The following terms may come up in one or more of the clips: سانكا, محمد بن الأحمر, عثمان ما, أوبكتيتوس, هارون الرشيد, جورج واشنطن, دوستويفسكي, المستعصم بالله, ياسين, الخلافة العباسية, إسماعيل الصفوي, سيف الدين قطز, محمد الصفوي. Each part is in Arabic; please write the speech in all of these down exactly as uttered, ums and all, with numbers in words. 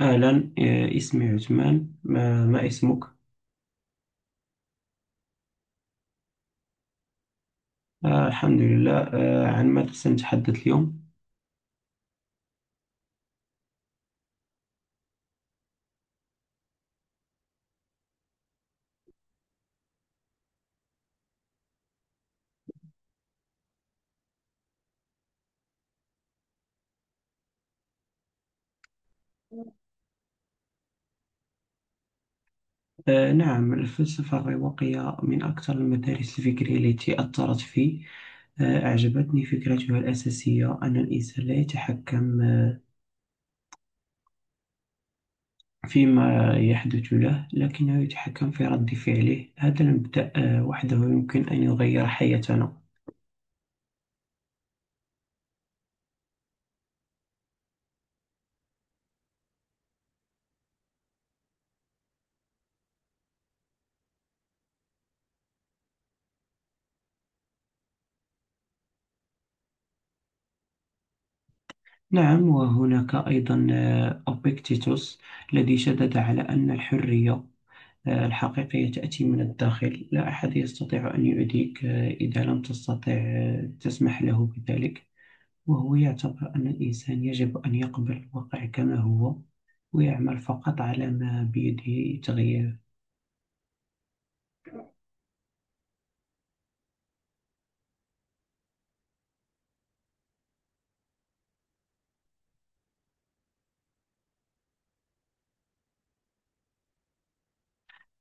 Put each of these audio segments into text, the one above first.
أهلا، آه، اسمي عثمان. ما, ما اسمك؟ آه، الحمد لله. آه، عن ماذا سنتحدث اليوم؟ آه، نعم، الفلسفة الرواقية من أكثر المدارس الفكرية التي أثرت في. آه، أعجبتني فكرتها الأساسية، أن الإنسان لا يتحكم آه، فيما يحدث له، لكنه يتحكم في رد فعله. هذا المبدأ آه، وحده يمكن أن يغير حياتنا. نعم، وهناك أيضا آه، أوبكتيتوس، الذي شدد على أن الحرية آه، الحقيقية تأتي من الداخل. لا أحد يستطيع أن يؤذيك آه، إذا لم تستطع آه، تسمح له بذلك. وهو يعتبر أن الإنسان يجب أن يقبل الواقع كما هو، ويعمل فقط على ما بيده تغييره.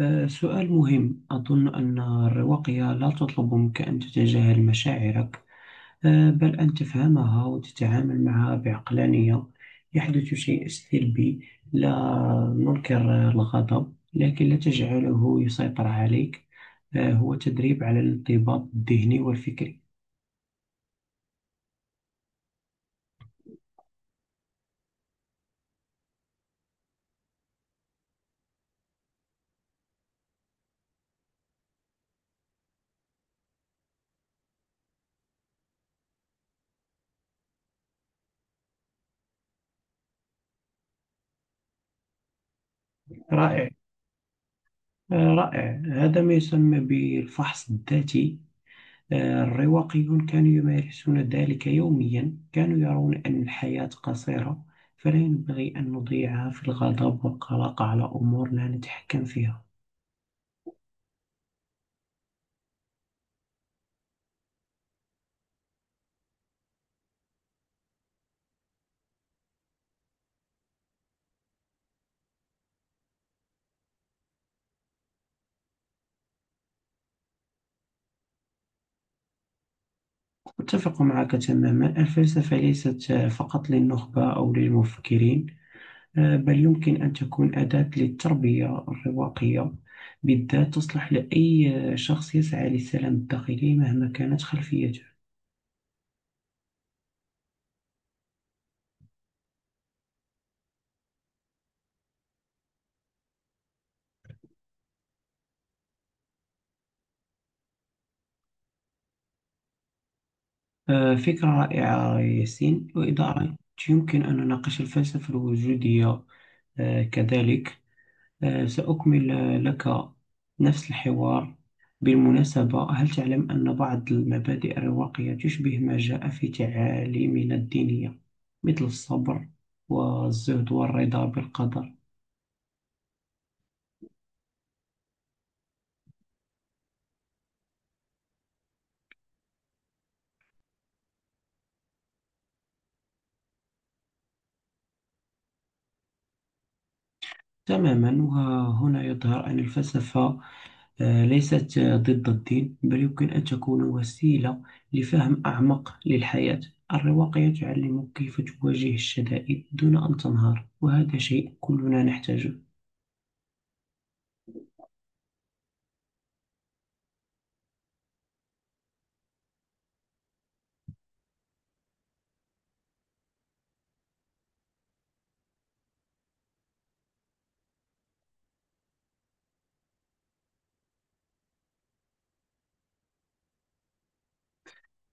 آه، سؤال مهم. أظن أن الرواقية لا تطلب منك أن تتجاهل مشاعرك، آه، بل أن تفهمها وتتعامل معها بعقلانية. يحدث شيء سلبي، لا ننكر الغضب، لكن لا تجعله يسيطر عليك. آه، هو تدريب على الانضباط الذهني والفكري. رائع، آه، رائع. هذا ما يسمى بالفحص الذاتي. آه، الرواقيون كانوا يمارسون ذلك يوميا. كانوا يرون أن الحياة قصيرة، فلا ينبغي أن نضيعها في الغضب والقلق على أمور لا نتحكم فيها. أتفق معك تماما، الفلسفة ليست فقط للنخبة أو للمفكرين، آه، بل يمكن أن تكون أداة للتربية. الرواقية بالذات تصلح لأي آه، شخص يسعى للسلام الداخلي، مهما كانت خلفيته. آه، فكرة رائعة ياسين، وإذا أردت يمكن أن نناقش الفلسفة الوجودية آه، كذلك. آه، سأكمل آه، لك نفس الحوار. بالمناسبة، هل تعلم أن بعض المبادئ الرواقية تشبه ما جاء في تعاليمنا الدينية، مثل الصبر والزهد والرضا بالقدر؟ تماما، وهنا يظهر أن الفلسفة آه، ليست آه، ضد الدين، بل يمكن أن تكون وسيلة لفهم أعمق للحياة. الرواقية تعلمك كيف تواجه الشدائد دون أن تنهار، وهذا شيء كلنا نحتاجه.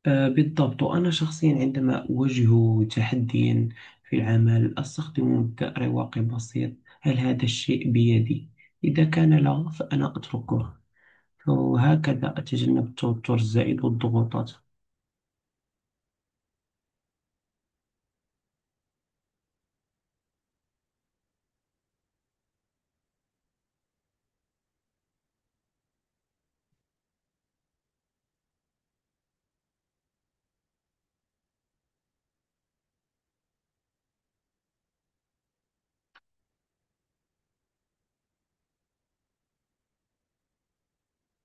آه، بالضبط. وأنا شخصيا عندما أواجه تحديا في العمل، أستخدم مبدأ رواقي بسيط: هل هذا الشيء بيدي؟ إذا كان لا، فأنا أتركه، وهكذا أتجنب التوتر الزائد والضغوطات.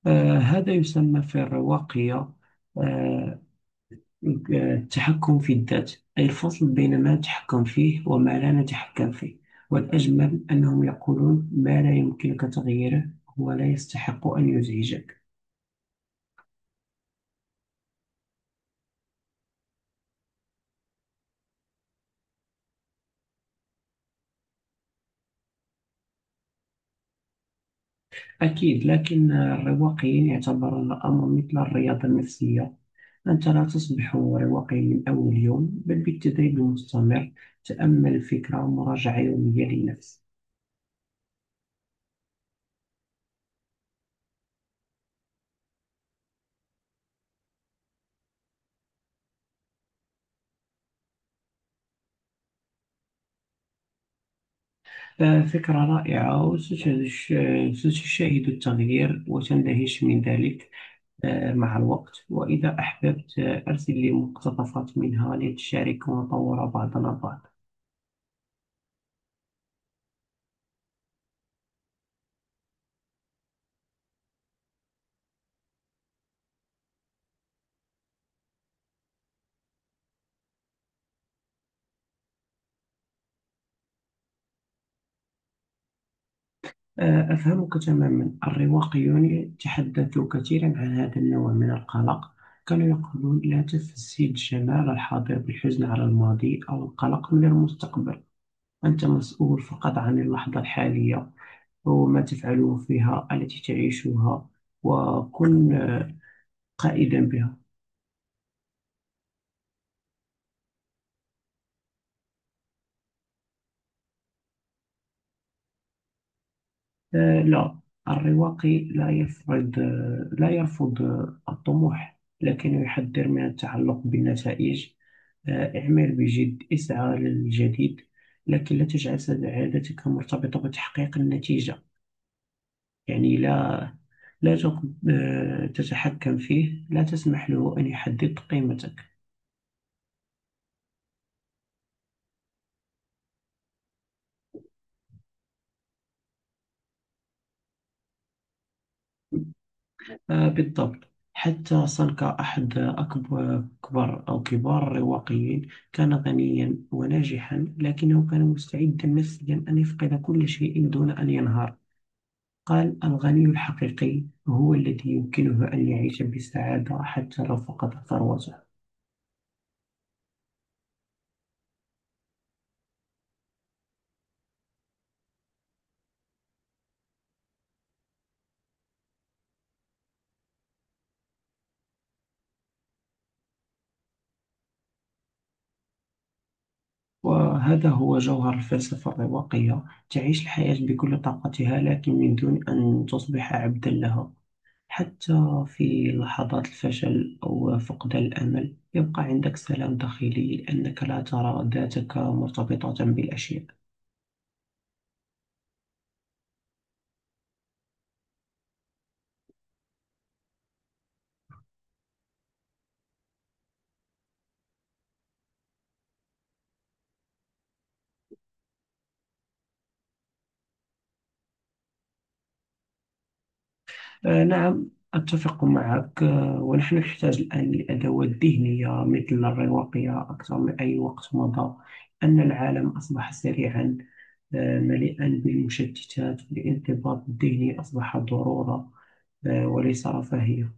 آه، هذا يسمى في الرواقية آه، التحكم في الذات، أي الفصل بين ما نتحكم فيه وما لا نتحكم فيه. والأجمل أنهم يقولون ما لا يمكنك تغييره ولا يستحق أن يزعجك. أكيد، لكن الرواقيين يعتبرون الأمر مثل الرياضة النفسية. أنت لا تصبح رواقيا من أول يوم، بل بالتدريب المستمر، تأمل الفكرة، مراجعة يومية للنفس. آه، فكرة رائعة، وستش- ستشاهد التغيير وتندهش من ذلك آه، مع الوقت. وإذا أحببت آه، أرسل لي مقتطفات منها لتشارك ونطور بعضنا البعض. آه، أفهمك تماما. الرواقيون تحدثوا كثيرا عن هذا النوع من القلق. كانوا يقولون لا تفسد جمال الحاضر بالحزن على الماضي أو القلق من المستقبل. أنت مسؤول فقط عن اللحظة الحالية وما تفعله فيها التي تعيشها، وكن آه، قائدا بها. آه، لا، الرواقي لا يفرض آه، لا يرفض آه، الطموح، لكنه يحذر من التعلق بالنتائج. آه، اعمل بجد، اسعى للجديد، لكن لا تجعل سعادتك مرتبطة بتحقيق النتيجة. يعني لا لا تك- آه، تتحكم فيه، لا تسمح له أن يحدد قيمتك. آه، بالضبط. حتى سانكا، أحد أكبر كبار أو كبار الرواقيين، كان غنيا وناجحا، لكنه كان مستعدا نفسيا أن يفقد كل شيء دون أن ينهار. قال: الغني الحقيقي هو الذي يمكنه أن يعيش بسعادة حتى لو فقد ثروته. وهذا هو جوهر الفلسفة الرواقية، تعيش الحياة بكل طاقتها لكن من دون أن تصبح عبدا لها. حتى في لحظات الفشل أو فقدان الأمل، يبقى عندك سلام داخلي، لأنك لا ترى ذاتك مرتبطة بالأشياء. آه، نعم، أتفق معك. آه، ونحن نحتاج الآن لأدوات ذهنية مثل الرواقية أكثر من أي وقت مضى. أن العالم أصبح سريعا آه، مليئا بالمشتتات، والانضباط الذهني أصبح ضرورة آه، وليس رفاهية.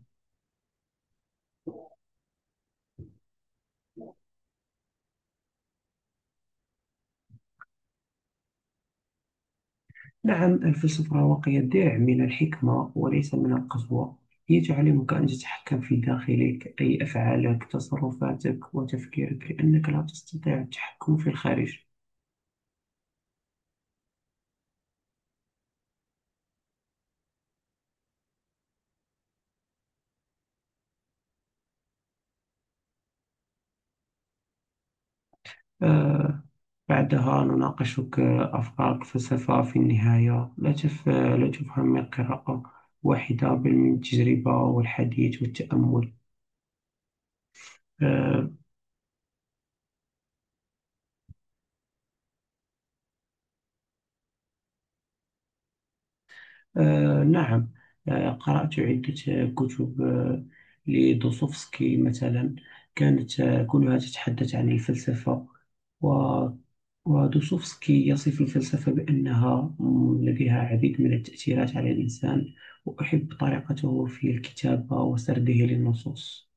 نعم، الفلسفة الرواقية درع من الحكمة وليس من القسوة. هي تعلمك أن تتحكم في داخلك، أي أفعالك، تصرفاتك وتفكيرك، لأنك لا تستطيع التحكم في الخارج. آه، بعدها نناقشك أفكارك. فلسفة في النهاية، لا تف... لا تفهم القراءة واحدة، بل من التجربة والحديث والتأمل. آه آه نعم، آه قرأت عدة كتب آه لدوستويفسكي مثلا. كانت آه كلها تتحدث عن الفلسفة، و ودوستويفسكي يصف الفلسفة بأنها م، لديها العديد من التأثيرات على الإنسان. وأحب طريقته في الكتابة وسرده للنصوص.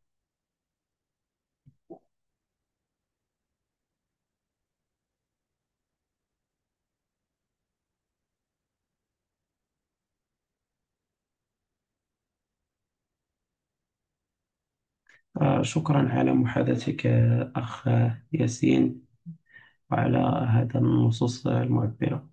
آه، شكرا على محادثتك آه، أخ ياسين، وعلى هذا النصوص المعبرة.